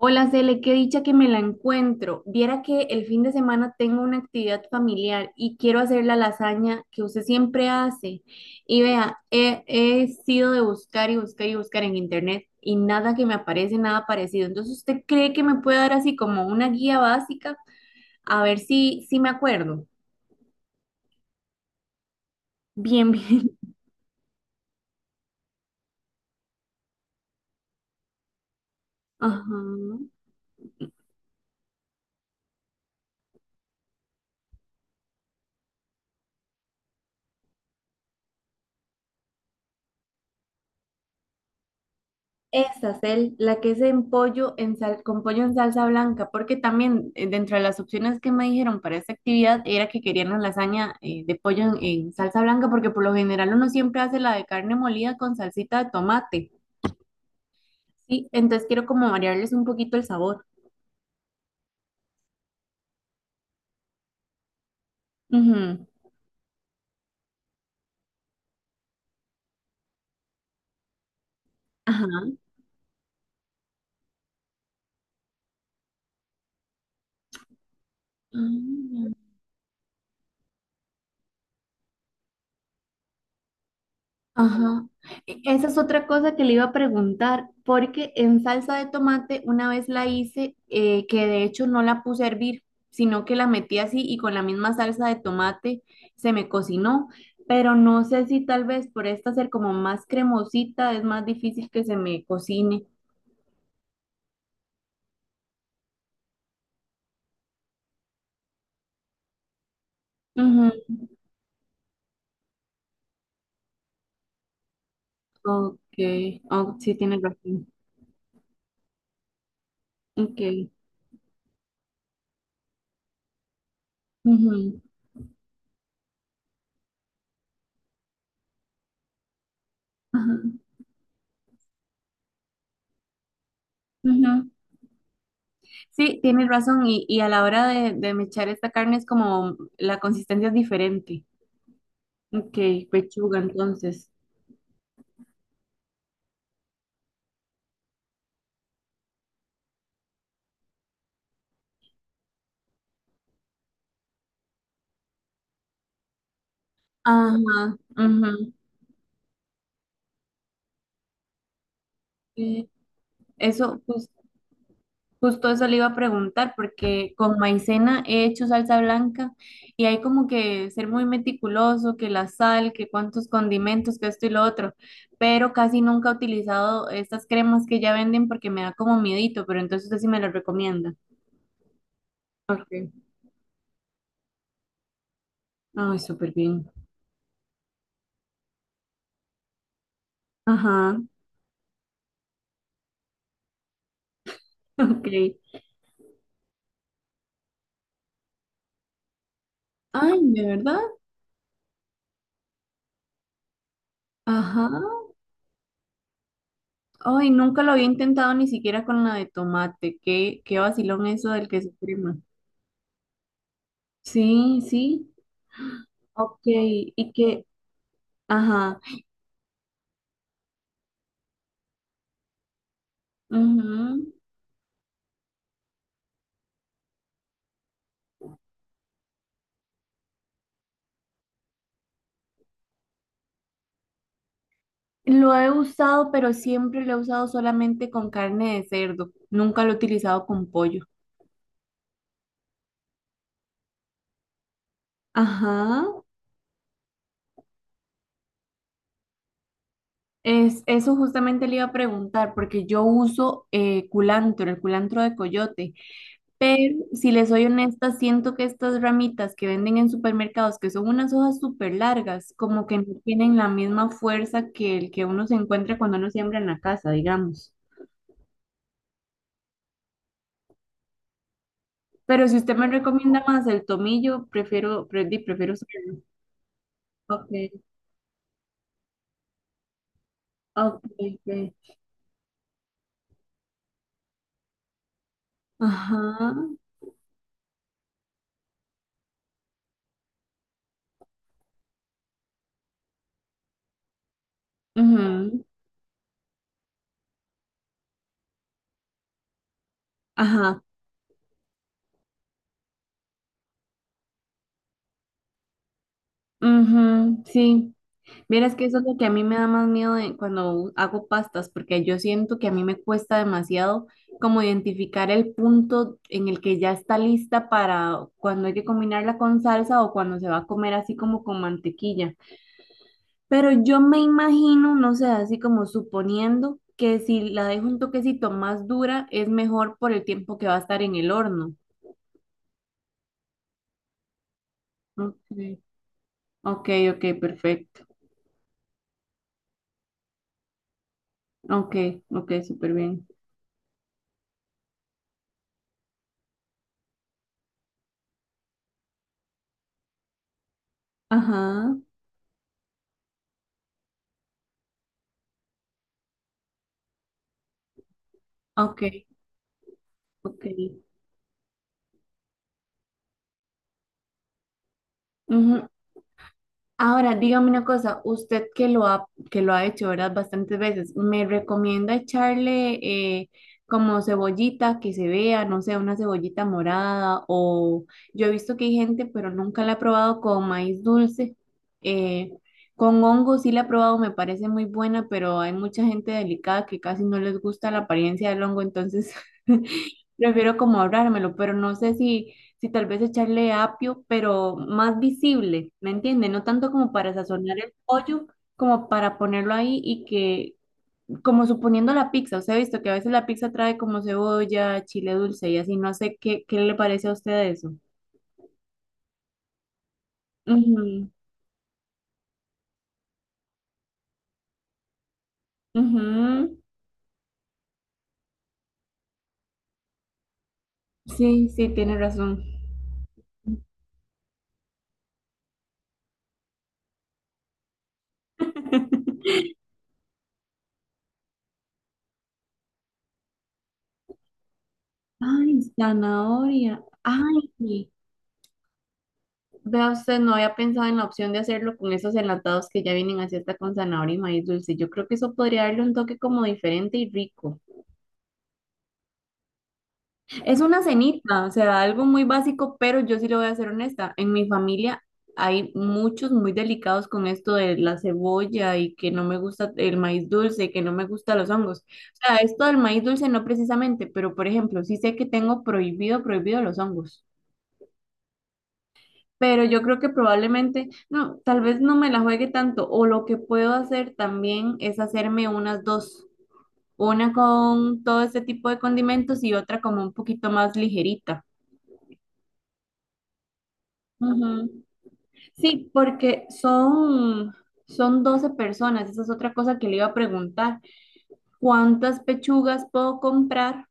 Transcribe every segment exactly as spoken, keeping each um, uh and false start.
Hola, Cele, qué dicha que me la encuentro. Viera que el fin de semana tengo una actividad familiar y quiero hacer la lasaña que usted siempre hace. Y vea, he, he sido de buscar y buscar y buscar en internet y nada que me aparece, nada parecido. Entonces, ¿usted cree que me puede dar así como una guía básica? A ver si, si me acuerdo. Bien, bien. Ajá. Esa es el, la que es en pollo en sal, con pollo en salsa blanca, porque también eh, dentro de las opciones que me dijeron para esta actividad era que querían la lasaña eh, de pollo en, en salsa blanca, porque por lo general uno siempre hace la de carne molida con salsita de tomate. Sí, entonces quiero como variarles un poquito el sabor. Ujú, ajá. Ah, ajá. E- Esa es otra cosa que le iba a preguntar, porque en salsa de tomate una vez la hice, eh, que de hecho no la puse a hervir, sino que la metí así y con la misma salsa de tomate se me cocinó, pero no sé si tal vez por esta ser como más cremosita es más difícil que se me cocine. Ujú. Ok, oh, sí tienes razón. Ok. Ujú. Ajá. Ujú. Sí, tienes razón. Y, y a la hora de, de mechar esta carne es como la consistencia es diferente. Ok, pechuga, entonces. Ajá, ujú. Eh, Eso, pues, justo eso le iba a preguntar, porque con maicena he hecho salsa blanca y hay como que ser muy meticuloso, que la sal, que cuántos condimentos, que esto y lo otro. Pero casi nunca he utilizado estas cremas que ya venden porque me da como miedito, pero entonces usted sí me las recomienda. Ok. Ay, súper bien. Ajá. Ok. Ay, ¿de verdad? Ajá. Ay, nunca lo había intentado ni siquiera con la de tomate. Qué, qué vacilón eso del queso crema. Sí, sí. Ok. Y que, ajá. Ujú. Lo he usado, pero siempre lo he usado solamente con carne de cerdo. Nunca lo he utilizado con pollo. Ajá. Es, eso justamente le iba a preguntar, porque yo uso eh, culantro, el culantro de coyote. Pero si les soy honesta, siento que estas ramitas que venden en supermercados, que son unas hojas súper largas, como que no tienen la misma fuerza que el que uno se encuentra cuando uno siembra en la casa, digamos. Pero si usted me recomienda más el tomillo, prefiero, pre- di, prefiero usarlo. Ok, ok, ok. Ajá, ujú, ajá, ujú, sí. Vieras que eso es lo que a mí me da más miedo de- cuando hago pastas, porque yo siento que a mí me cuesta demasiado como identificar el punto en el que ya está lista para cuando hay que combinarla con salsa o cuando se va a comer así como con mantequilla. Pero yo me imagino, no sé, así como suponiendo que si la dejo un toquecito más dura es mejor por el tiempo que va a estar en el horno. Ok, ok, ok, perfecto. Ok, ok, súper bien. Ajá, ok, ok. Ujú, ahora, dígame una cosa, usted que lo ha, que lo ha hecho, ¿verdad? Bastantes veces, ¿me recomienda echarle eh, como cebollita que se vea, no sé, una cebollita morada? O yo he visto que hay gente, pero nunca la he probado con maíz dulce. eh, con hongo sí la he probado, me parece muy buena, pero hay mucha gente delicada que casi no les gusta la apariencia del hongo, entonces prefiero como ahorrármelo, pero no sé si si tal vez echarle apio, pero más visible, ¿me entiende? No tanto como para sazonar el pollo, como para ponerlo ahí y que, como suponiendo la pizza, usted ha visto que a veces la pizza trae como cebolla, chile dulce y así, no sé qué, qué le parece a usted eso. Ujú, ujú. Sí, sí, tiene razón. Ay, zanahoria. Ay, sí. Vea usted, no había pensado en la opción de hacerlo con esos enlatados que ya vienen así hasta con zanahoria y maíz dulce. Yo creo que eso podría darle un toque como diferente y rico. Es una cenita, o sea, algo muy básico, pero yo sí le voy a ser honesta. En mi familia hay muchos muy delicados con esto de la cebolla y que no me gusta el maíz dulce, que no me gustan los hongos. O sea, esto del maíz dulce no precisamente, pero por ejemplo, sí sé que tengo prohibido, prohibido los hongos. Pero yo creo que probablemente, no, tal vez no me la juegue tanto, o lo que puedo hacer también es hacerme unas dos, una con todo este tipo de condimentos y otra como un poquito más ligerita. Ujú. Sí, porque son, son doce personas, esa es otra cosa que le iba a preguntar, ¿cuántas pechugas puedo comprar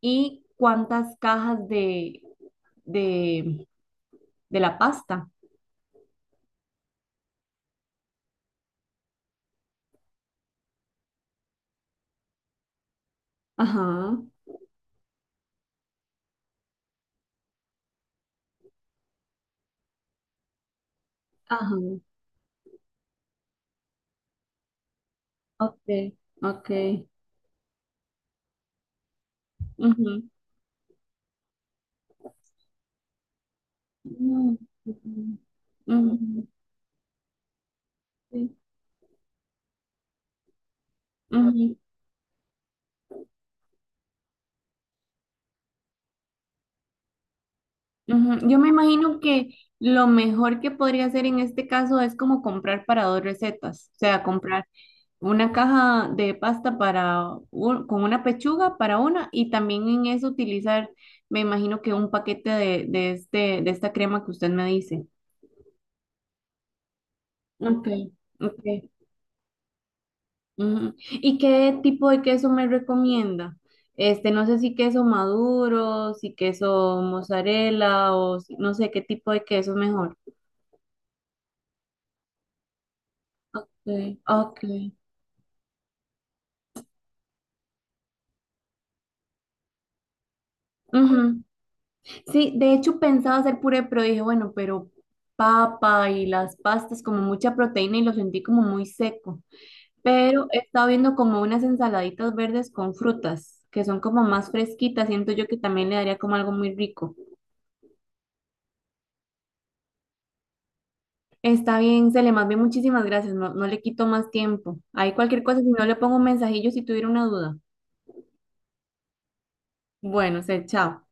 y cuántas cajas de, de, de la pasta? Ajá, ajá, ok, ok. Ujú. Mm, ujú, sí, ujú, ujú. Yo me imagino que lo mejor que podría hacer en este caso es como comprar para dos recetas, o sea, comprar una caja de pasta para un- con una pechuga para una y también en eso utilizar, me imagino que un paquete de, de este, de esta crema que usted me dice. Ok, ok. Ujú. ¿Y qué tipo de queso me recomienda? Este, no sé si queso maduro, si queso mozzarella o si- no sé qué tipo de queso es mejor. Sí. Ok. Ujú. Sí, de hecho pensaba hacer puré, pero dije, bueno, pero papa y las pastas como mucha proteína y lo sentí como muy seco. Pero he estado viendo como unas ensaladitas verdes con frutas, que son como más fresquitas, siento yo que también le daría como algo muy rico. Está bien, Cele, más bien muchísimas gracias. No, no le quito más tiempo. Hay cualquier cosa, si no le pongo un mensajillo si tuviera una duda. Bueno, Cele, chao.